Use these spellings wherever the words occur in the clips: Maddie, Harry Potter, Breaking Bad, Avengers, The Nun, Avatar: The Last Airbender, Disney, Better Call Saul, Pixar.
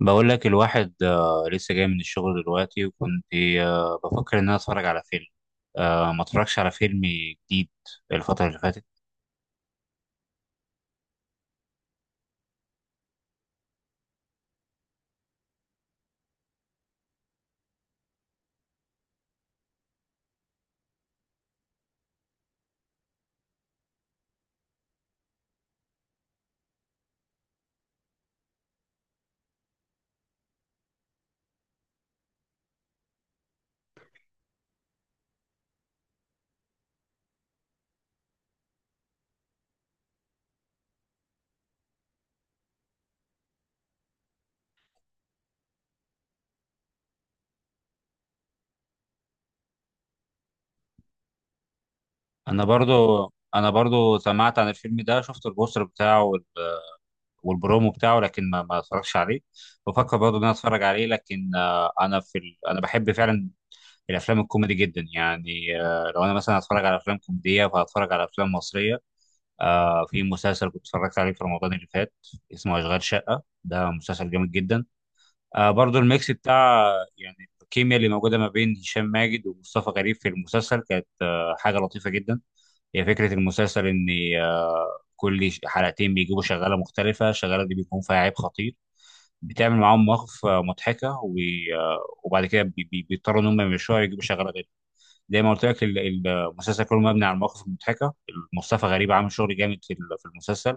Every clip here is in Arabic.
بقول لك الواحد، لسه جاي من الشغل دلوقتي. وكنت بفكر ان انا اتفرج على فيلم. ما اتفرجش على فيلم جديد الفترة اللي فاتت. انا برضو انا برضو سمعت عن الفيلم ده، شفت البوستر بتاعه والبرومو بتاعه، لكن ما اتفرجش عليه. بفكر برضو ان انا اتفرج عليه، لكن انا بحب فعلا الافلام الكوميدي جدا. يعني لو انا مثلا هتفرج على افلام كوميديه فهتفرج على افلام مصريه. في مسلسل كنت اتفرجت عليه في رمضان اللي فات اسمه اشغال شقه. ده مسلسل جامد جدا. برضو الميكس بتاع، يعني الكيمياء اللي موجوده ما بين هشام ماجد ومصطفى غريب في المسلسل كانت حاجه لطيفه جدا. هي فكره المسلسل ان آه كل حلقتين بيجيبوا شغاله مختلفه، الشغاله دي بيكون فيها عيب خطير، بتعمل معاهم مواقف مضحكه آه، وبعد كده بيضطروا ان هم يمشوها ويجيبوا شغاله غير. زي ما قلت لك المسلسل كله مبني على المواقف المضحكه. مصطفى غريب عامل شغل جامد في المسلسل.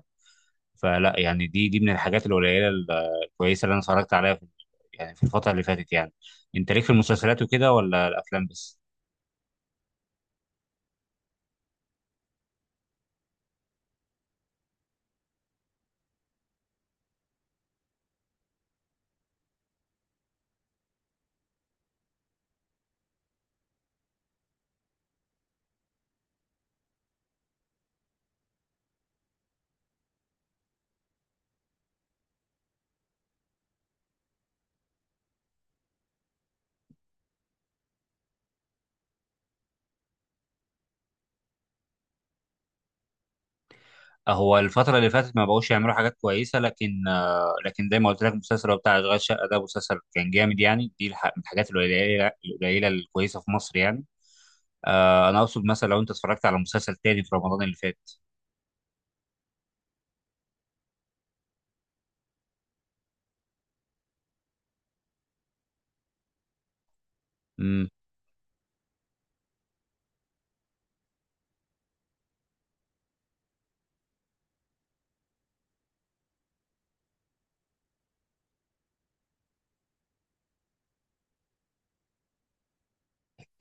فلا يعني دي من الحاجات القليله الكويسه اللي انا اتفرجت عليها يعني في الفتره اللي فاتت يعني. انت ليك في المسلسلات وكده ولا الافلام بس؟ هو الفتره اللي فاتت ما بقوش يعملوا حاجات كويسه، لكن لكن زي ما قلت لك المسلسل هو بتاع اشغال شقه. ده مسلسل كان جامد يعني، دي من الحاجات القليله القليله الكويسه في مصر يعني. انا اقصد مثلا لو انت اتفرجت على مسلسل تاني في رمضان اللي فات.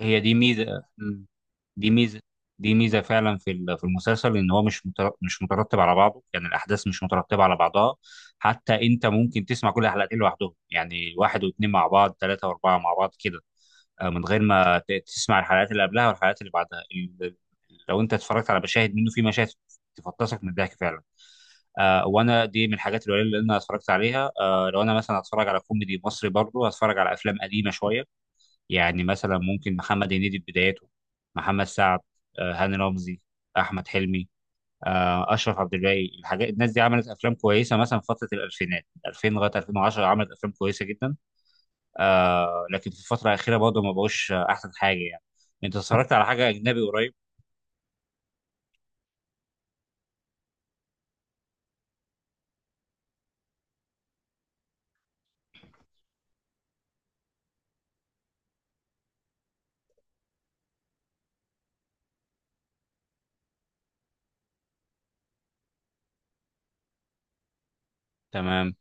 هي دي ميزه. دي ميزه دي ميزه فعلا في المسلسل، ان هو مش مترتب على بعضه. يعني الاحداث مش مترتبه على بعضها، حتى انت ممكن تسمع كل الحلقتين لوحدهم، يعني واحد واثنين مع بعض، ثلاثه واربعه مع بعض كده، من غير ما تسمع الحلقات اللي قبلها والحلقات اللي بعدها. لو انت اتفرجت على مشاهد منه، في مشاهد تفطسك من الضحك فعلا. وانا دي من الحاجات القليله اللي انا اتفرجت عليها. لو انا مثلا هتفرج على كوميدي مصري، برضه هتفرج على افلام قديمه شويه. يعني مثلا ممكن محمد هنيدي في بداياته، محمد سعد، هاني رمزي، احمد حلمي، اشرف عبد الباقي. الحاجات الناس دي عملت افلام كويسه مثلا في فتره الالفينات، 2000 لغايه 2010، عملت افلام كويسه جدا. لكن في الفتره الاخيره برضه ما بقوش احسن حاجه يعني. انت اتفرجت على حاجه اجنبي قريب؟ تمام.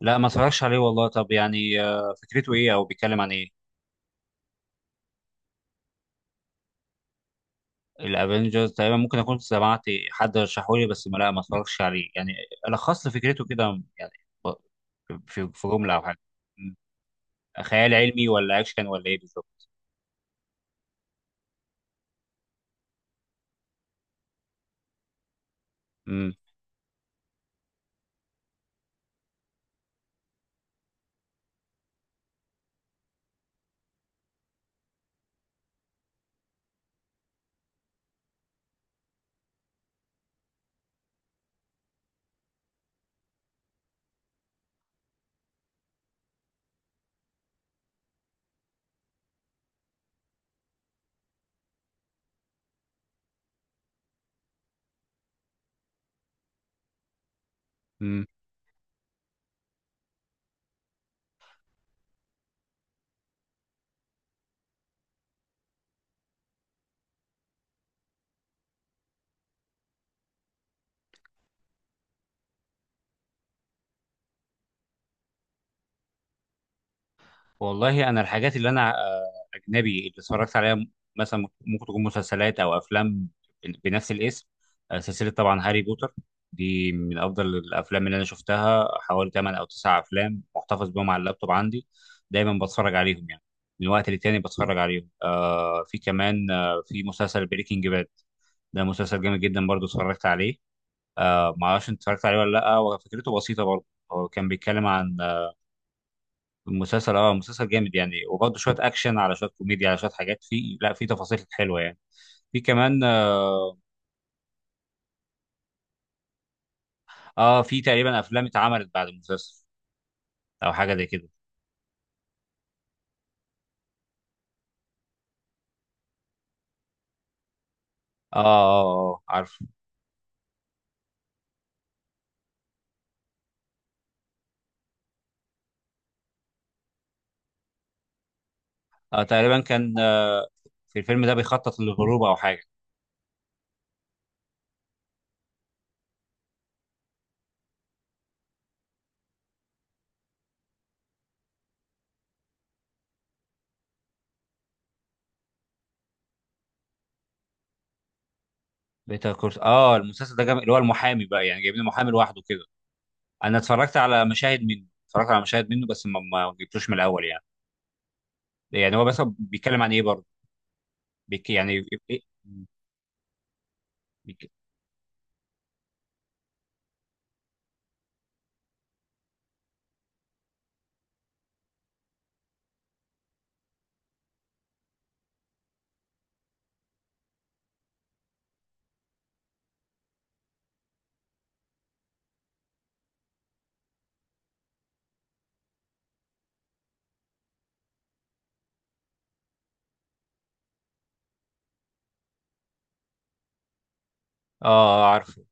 لا ما اتفرجش عليه والله. طب يعني فكرته ايه او بيتكلم عن ايه؟ الافنجرز تقريبا ممكن اكون سمعت، حد رشحولي، بس ما اتفرجش عليه يعني. لخصت لي فكرته كده؟ يعني ب- في جمله او حاجه. مم. خيال علمي ولا اكشن ولا ايه بالظبط؟ امم والله انا الحاجات اللي انا اجنبي اللي اتفرجت عليها، مثلا ممكن تكون مسلسلات او افلام بنفس الاسم. سلسله طبعا هاري بوتر، دي من افضل الافلام اللي انا شفتها. حوالي 8 او 9 افلام محتفظ بيهم على اللابتوب عندي، دايما بتفرج عليهم يعني، من وقت للتاني بتفرج عليهم. في كمان، في مسلسل بريكنج باد. ده مسلسل جامد جدا برضو اتفرجت عليه. ما اعرفش انت اتفرجت عليه ولا لا، وفكرته بسيطه برضو، هو كان بيتكلم عن المسلسل. اه مسلسل جامد يعني، وبرضه شويه اكشن على شويه كوميديا على شويه حاجات. في لا في تفاصيل حلوه يعني. في كمان في تقريبا افلام اتعملت بعد المسلسل او حاجه زي كده. اه، اه، اه، عارف. تقريبا كان، في الفيلم ده بيخطط للهروب او حاجه. بيتر كورس، اه. المسلسل ده جامد، اللي هو المحامي بقى يعني، جايبين المحامي لوحده كده. انا اتفرجت على مشاهد منه، اتفرجت على مشاهد منه، بس ما جبتوش من الاول يعني. يعني هو بس بيتكلم عن ايه برضه؟ بيك يعني إيه- إيه- بيك... اه، عارفه.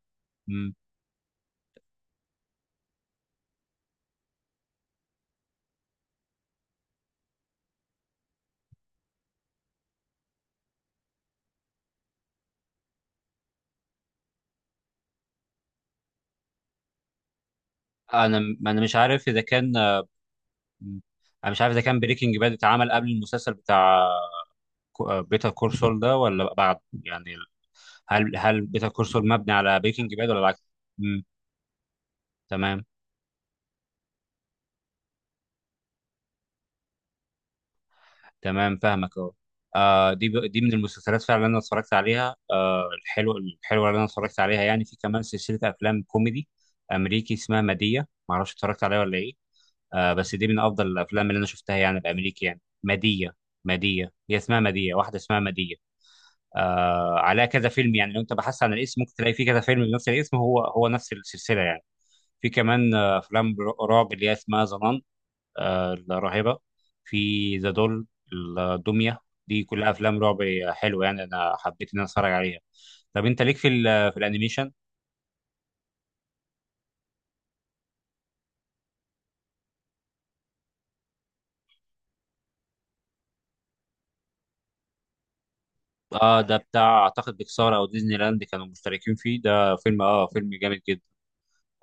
انا ما انا مش عارف اذا كان انا مش عارف اذا كان بريكنج باد اتعمل قبل المسلسل بتاع بيتر كورسول ده ولا بعد يعني. هل بيتر كورسول مبني على بريكنج باد ولا العكس؟ امم. تمام. تمام، فاهمك اهو. دي من المسلسلات فعلا اللي انا اتفرجت عليها، الحلوه الحلوه اللي انا اتفرجت عليها يعني. في كمان سلسله افلام كوميدي امريكي اسمها ماديه، ما اعرفش اتفرجت عليها ولا ايه. بس دي من افضل الافلام اللي انا شفتها يعني، الامريكي يعني ماديه. ماديه هي اسمها ماديه، واحده اسمها ماديه. عليها كذا فيلم، يعني لو انت بحثت عن الاسم ممكن تلاقي فيه كذا فيلم بنفس الاسم، هو هو نفس السلسله يعني. في كمان افلام رعب اللي هي اسمها ظنان، الراهبه، في ذا دول، الدميه. دي كلها افلام رعب حلوه، يعني انا حبيت ان انا اتفرج عليها. طب انت ليك في الانيميشن؟ اه. ده بتاع اعتقد بيكسار او ديزني لاند كانوا مشتركين فيه. ده فيلم، فيلم جامد جدا.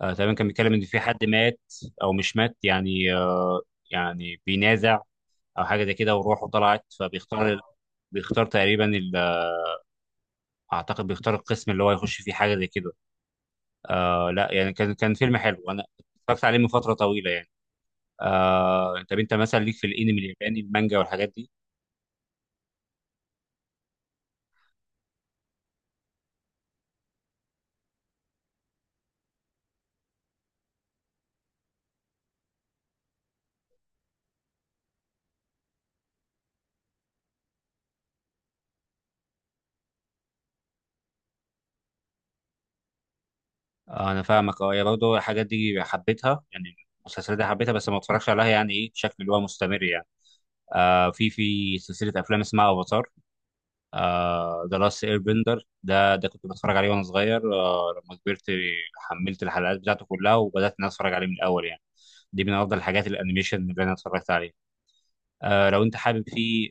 تمام كان بيتكلم ان في حد مات، او مش مات يعني، يعني بينازع او حاجه زي كده، وروحه طلعت فبيختار. بيختار تقريبا اعتقد بيختار القسم اللي هو يخش فيه، حاجه زي كده. لا يعني، كان فيلم حلو انا اتفرجت عليه من فتره طويله يعني. طب انت مثلا ليك في الانمي الياباني، المانجا والحاجات دي؟ انا فاهمك. اه، هي برضه الحاجات دي حبيتها يعني، المسلسلات دي حبيتها بس ما اتفرجش عليها، يعني ايه بشكل اللي هو مستمر يعني. في سلسله افلام اسمها افاتار ذا لاست اير بندر. ده كنت بتفرج عليه وانا صغير. لما كبرت حملت الحلقات بتاعته كلها، وبدات ان أنا اتفرج عليه من الاول يعني. دي من افضل الحاجات الانيميشن اللي انا اتفرجت عليها، لو انت حابب فيه.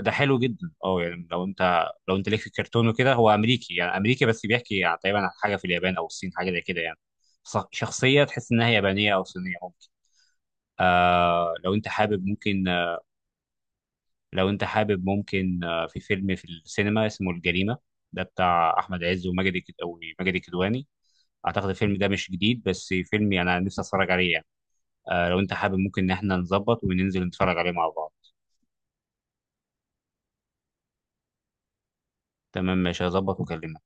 ده حلو جدا، اه. يعني لو انت ليك في الكرتون وكده، هو امريكي، يعني امريكي بس بيحكي يعني تقريبا عن حاجه في اليابان او الصين، حاجه زي كده يعني. شخصيه تحس انها يابانيه او صينيه ممكن. لو انت حابب ممكن، في فيلم في السينما اسمه الجريمة. ده بتاع احمد عز وماجد او ماجد الكدواني. اعتقد الفيلم ده مش جديد، بس فيلم يعني انا نفسي اتفرج عليه يعني. لو انت حابب ممكن ان احنا نظبط وننزل نتفرج عليه مع بعض. تمام، ماشي هظبط وكلمني.